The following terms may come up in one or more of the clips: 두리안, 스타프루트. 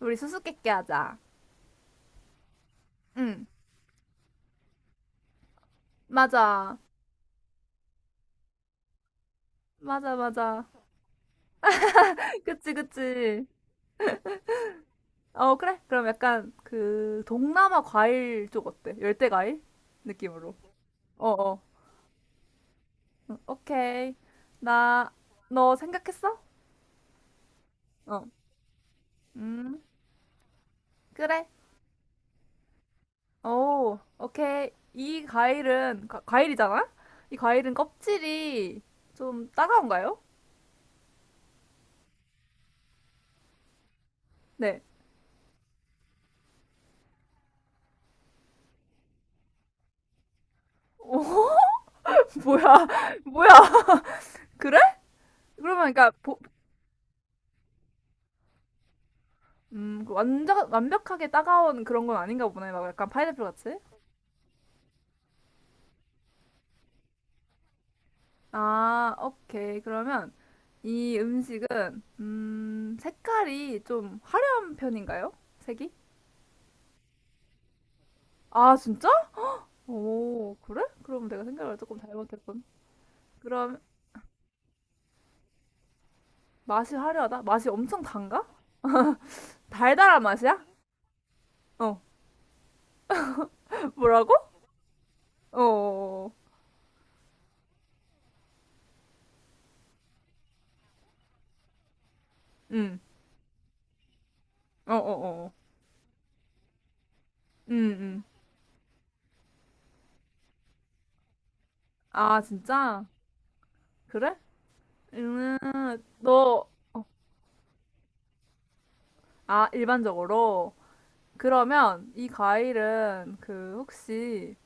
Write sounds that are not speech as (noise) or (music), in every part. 우리 수수께끼 하자. 응, 맞아. 맞아, 맞아. (laughs) 그치, 그치. 어, 그래. 그럼 약간 그 동남아 과일 쪽 어때? 열대 과일? 느낌으로. 어, 어. 응, 오케이. 나, 너 생각했어? 어. 음, 그래. 오, 오케이. 이 과일은, 과일이잖아? 이 과일은 껍질이 좀 따가운가요? 네. 오, (laughs) 뭐야. (laughs) 뭐야. 그래? 그러면 그러니까 보, 그 완전 완벽하게 따가운 그런 건 아닌가 보네. 막 약간 파인애플 같이. 아, 오케이. 그러면 이 음식은 색깔이 좀 화려한 편인가요? 색이? 아, 진짜? 오, 그래? 그럼 내가 생각을 조금 잘못했군. 그럼 맛이 화려하다? 맛이 엄청 단가? 달달한 맛이야? 어, (laughs) 뭐라고? 어, 어, 어. 음, 어, 어, 어, 어. 음, 음. 아, 진짜? 그래? 음, 너, 아, 일반적으로. 그러면 이 과일은 그 혹시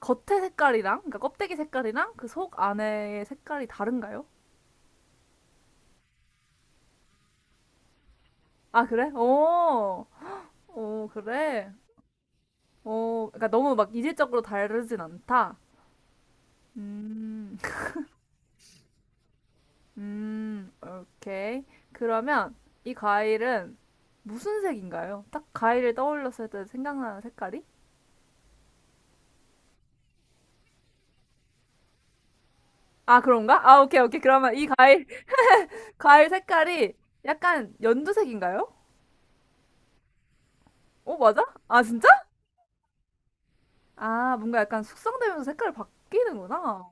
겉의 색깔이랑, 그러니까 껍데기 색깔이랑 그 속 안의 색깔이 다른가요? 아, 그래? 오, 오 그래? 오, 그러니까 너무 막 이질적으로 다르진 않다. 음, 오케이. 그러면 이 과일은 무슨 색인가요? 딱 과일을 떠올렸을 때 생각나는 색깔이? 아, 그런가? 아, 오케이, 오케이. 그러면 이 과일, (laughs) 과일 색깔이 약간 연두색인가요? 어, 맞아? 아, 진짜? 아, 뭔가 약간 숙성되면서 색깔이 바뀌는구나.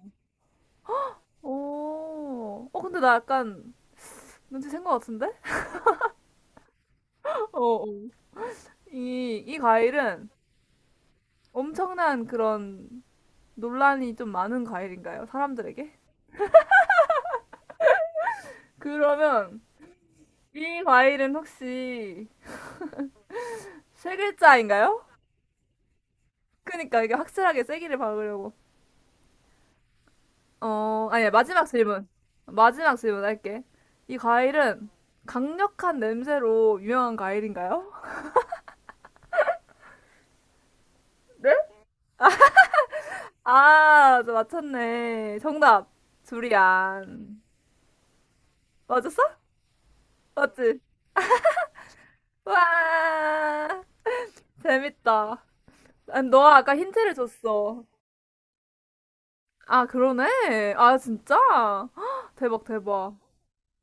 오, 어, 근데 나 약간 눈치 챈 것 같은데? (laughs) 어, 어. 이 과일은 엄청난 그런 논란이 좀 많은 과일인가요? 사람들에게? 그러면 이 과일은 혹시 세 글자인가요? 그니까 이게 확실하게 세기를 박으려고. 어, 아니야, 마지막 질문. 마지막 질문 할게. 이 과일은 강력한 냄새로 유명한 과일인가요? (laughs) 아, 저 맞췄네. 정답. 두리안. 맞았어? 맞지? 와, 재밌다. 아니, 너가 아까 힌트를 줬어. 아, 그러네. 아, 진짜? (gasps) 헉, 대박, 대박.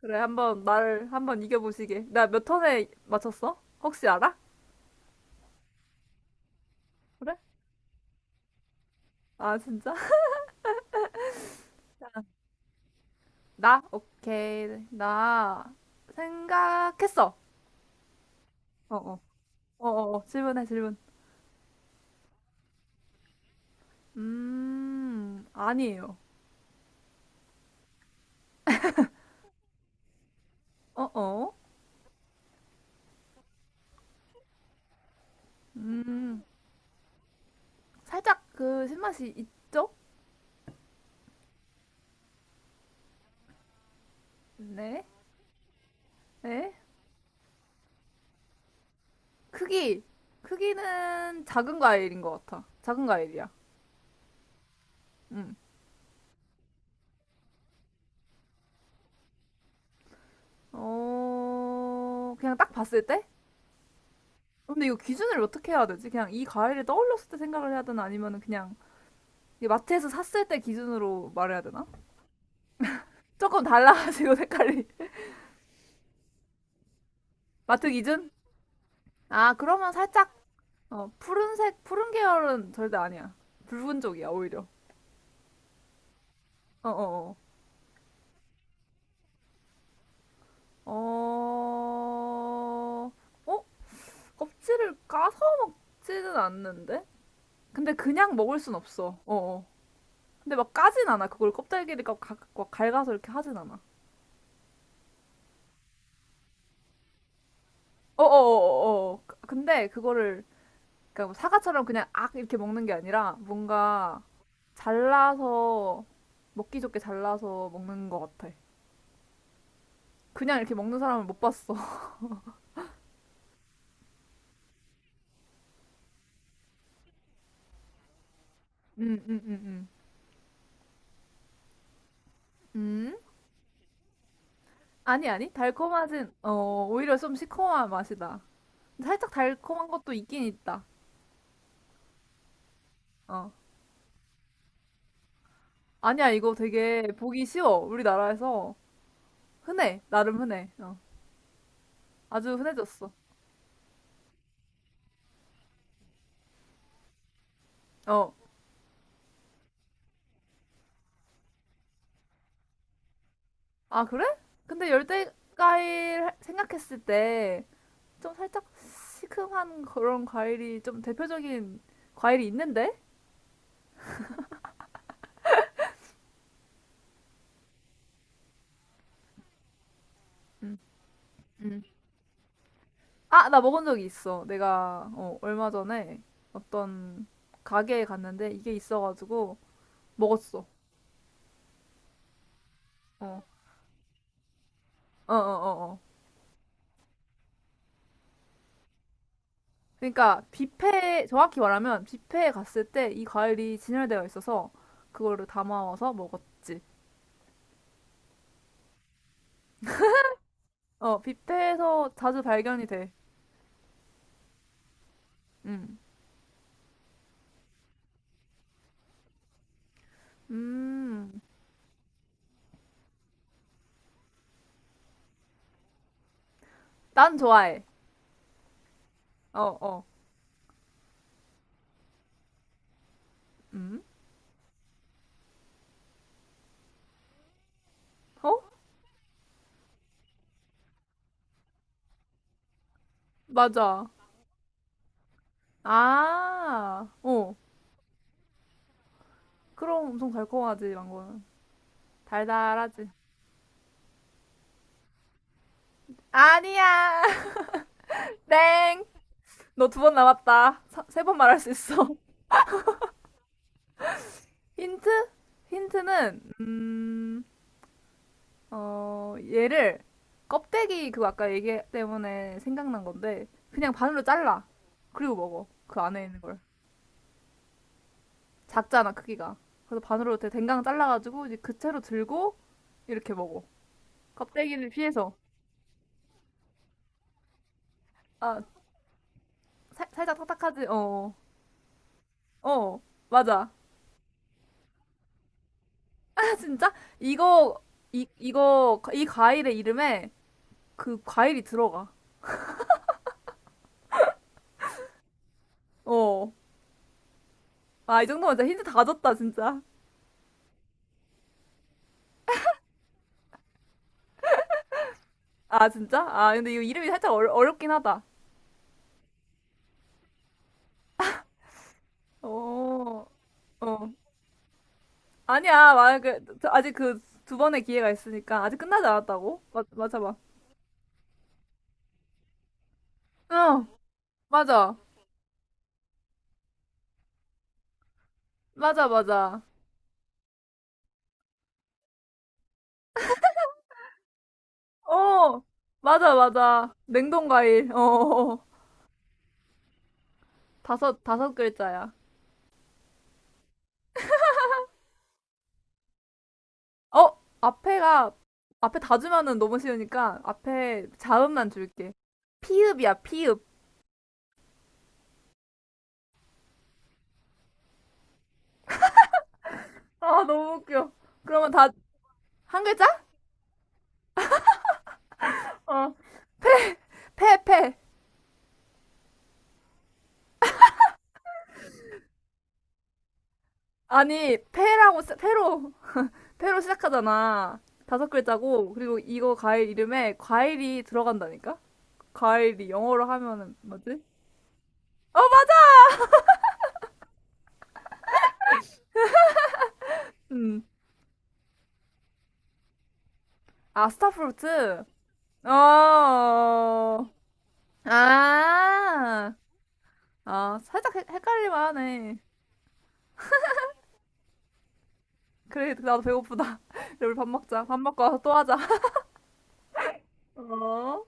그래, 한번 나를 한번 이겨보시게. 나 몇 턴에 맞췄어? 혹시 알아? 그래? 아, 진짜? (laughs) 나? 오케이. 나 생각했어. 어, 어. 어, 어, 어. 질문해, 질문. 아니에요. 어, 어. 음. 살짝 그 신맛이 있죠? 네. 네. 크기. 크기는 작은 과일인 것 같아. 작은 과일이야. 음. 어, 그냥 딱 봤을 때? 근데 이거 기준을 어떻게 해야 되지? 그냥 이 과일을 떠올렸을 때 생각을 해야 되나? 아니면 그냥 마트에서 샀을 때 기준으로 말해야 되나? 조금 달라가지고 색깔이. (laughs) 마트 기준? 아, 그러면 살짝, 어, 푸른색, 푸른 계열은 절대 아니야. 붉은 쪽이야, 오히려. 어어어. 어, 어, 어, 껍질을 까서 먹지는 않는데? 근데 그냥 먹을 순 없어. 어, 어. 근데 막 까진 않아. 그걸 껍데기를 갈가서 이렇게 하진 않아. 어어어어. 근데 그거를 그러니까 뭐 사과처럼 그냥 악 이렇게 먹는 게 아니라 뭔가 잘라서 먹기 좋게 잘라서 먹는 것 같아. 그냥 이렇게 먹는 사람을 못 봤어. (laughs) 음, 음, 음, 음. 음? 아니, 아니. 달콤하진, 어, 오히려 좀 시커먼 맛이다. 살짝 달콤한 것도 있긴 있다. 어. 아니야, 이거 되게 보기 쉬워. 우리나라에서 흔해. 나름 흔해. 어. 아주 흔해졌어. 어. 아, 그래? 근데 열대 과일 생각했을 때 좀 살짝 시큼한 그런 과일이 좀 대표적인 과일이 있는데? 음. 음. 아, 나 먹은 적이 있어. 내가 어, 얼마 전에 어떤 가게에 갔는데 이게 있어가지고 먹었어. 어. 어, 어, 어, 어. 그러니까 뷔페, 정확히 말하면 뷔페에 갔을 때 이 과일이 진열되어 있어서 그거를 담아와서 먹었지. 어, 뷔페에서 자주 발견이 돼. 음. 음. 난 좋아해. 어, 어. 음. 어? 맞아. 아. 어. 그럼 엄청 달콤하지, 망고는. 달달하지. 아니야. (laughs) 땡. 너 두번 남았다. 세번 말할 수 있어. (laughs) 힌트? 힌트는 음, 어, 얘를 껍데기, 그거 아까 얘기 때문에 생각난 건데 그냥 반으로 잘라. 그리고 먹어. 그 안에 있는 걸. 작잖아, 크기가. 그래서 반으로 댕강 잘라가지고 이제 그 채로 들고 이렇게 먹어. 껍데기를 피해서. 아, 살짝 딱딱하지? 어. 어, 어, 맞아. (laughs) 진짜? 이거, 이 과일의 이름에 그 과일이 들어가. 어. 아, 이 정도면 진짜 힌트 다 줬다, 진짜. 아, 진짜? 아, 근데 이거 이름이 살짝 어렵긴 하다. 어, 어. 아니야, 만약에, 아직 그 두 번의 기회가 있으니까. 아직 끝나지 않았다고? 맞아봐. 응, 맞아. 맞아, 맞아. 어, 맞아, 맞아. 냉동과일. 어, 어, 어. 다섯 글자야. 어, 앞에가, 앞에 다 주면은 너무 쉬우니까 앞에 자음만 줄게. 피읍이야, 피읍. 아, 너무 웃겨. 그러면 다, 한 글자? 어, 패. 아니, 패라고, 패로, 패로 시작하잖아. 다섯 글자고, 그리고 이거 과일 이름에 과일이 들어간다니까? 과일이 영어로 하면은 뭐지? 어, 맞아! 음. 아, 스타프루트? 어, 아, 아, 살짝 헷갈릴만 하네. 그래, 나도 배고프다. (laughs) 우리 밥 먹자. 밥 먹고 와서 또 하자. (laughs) 어?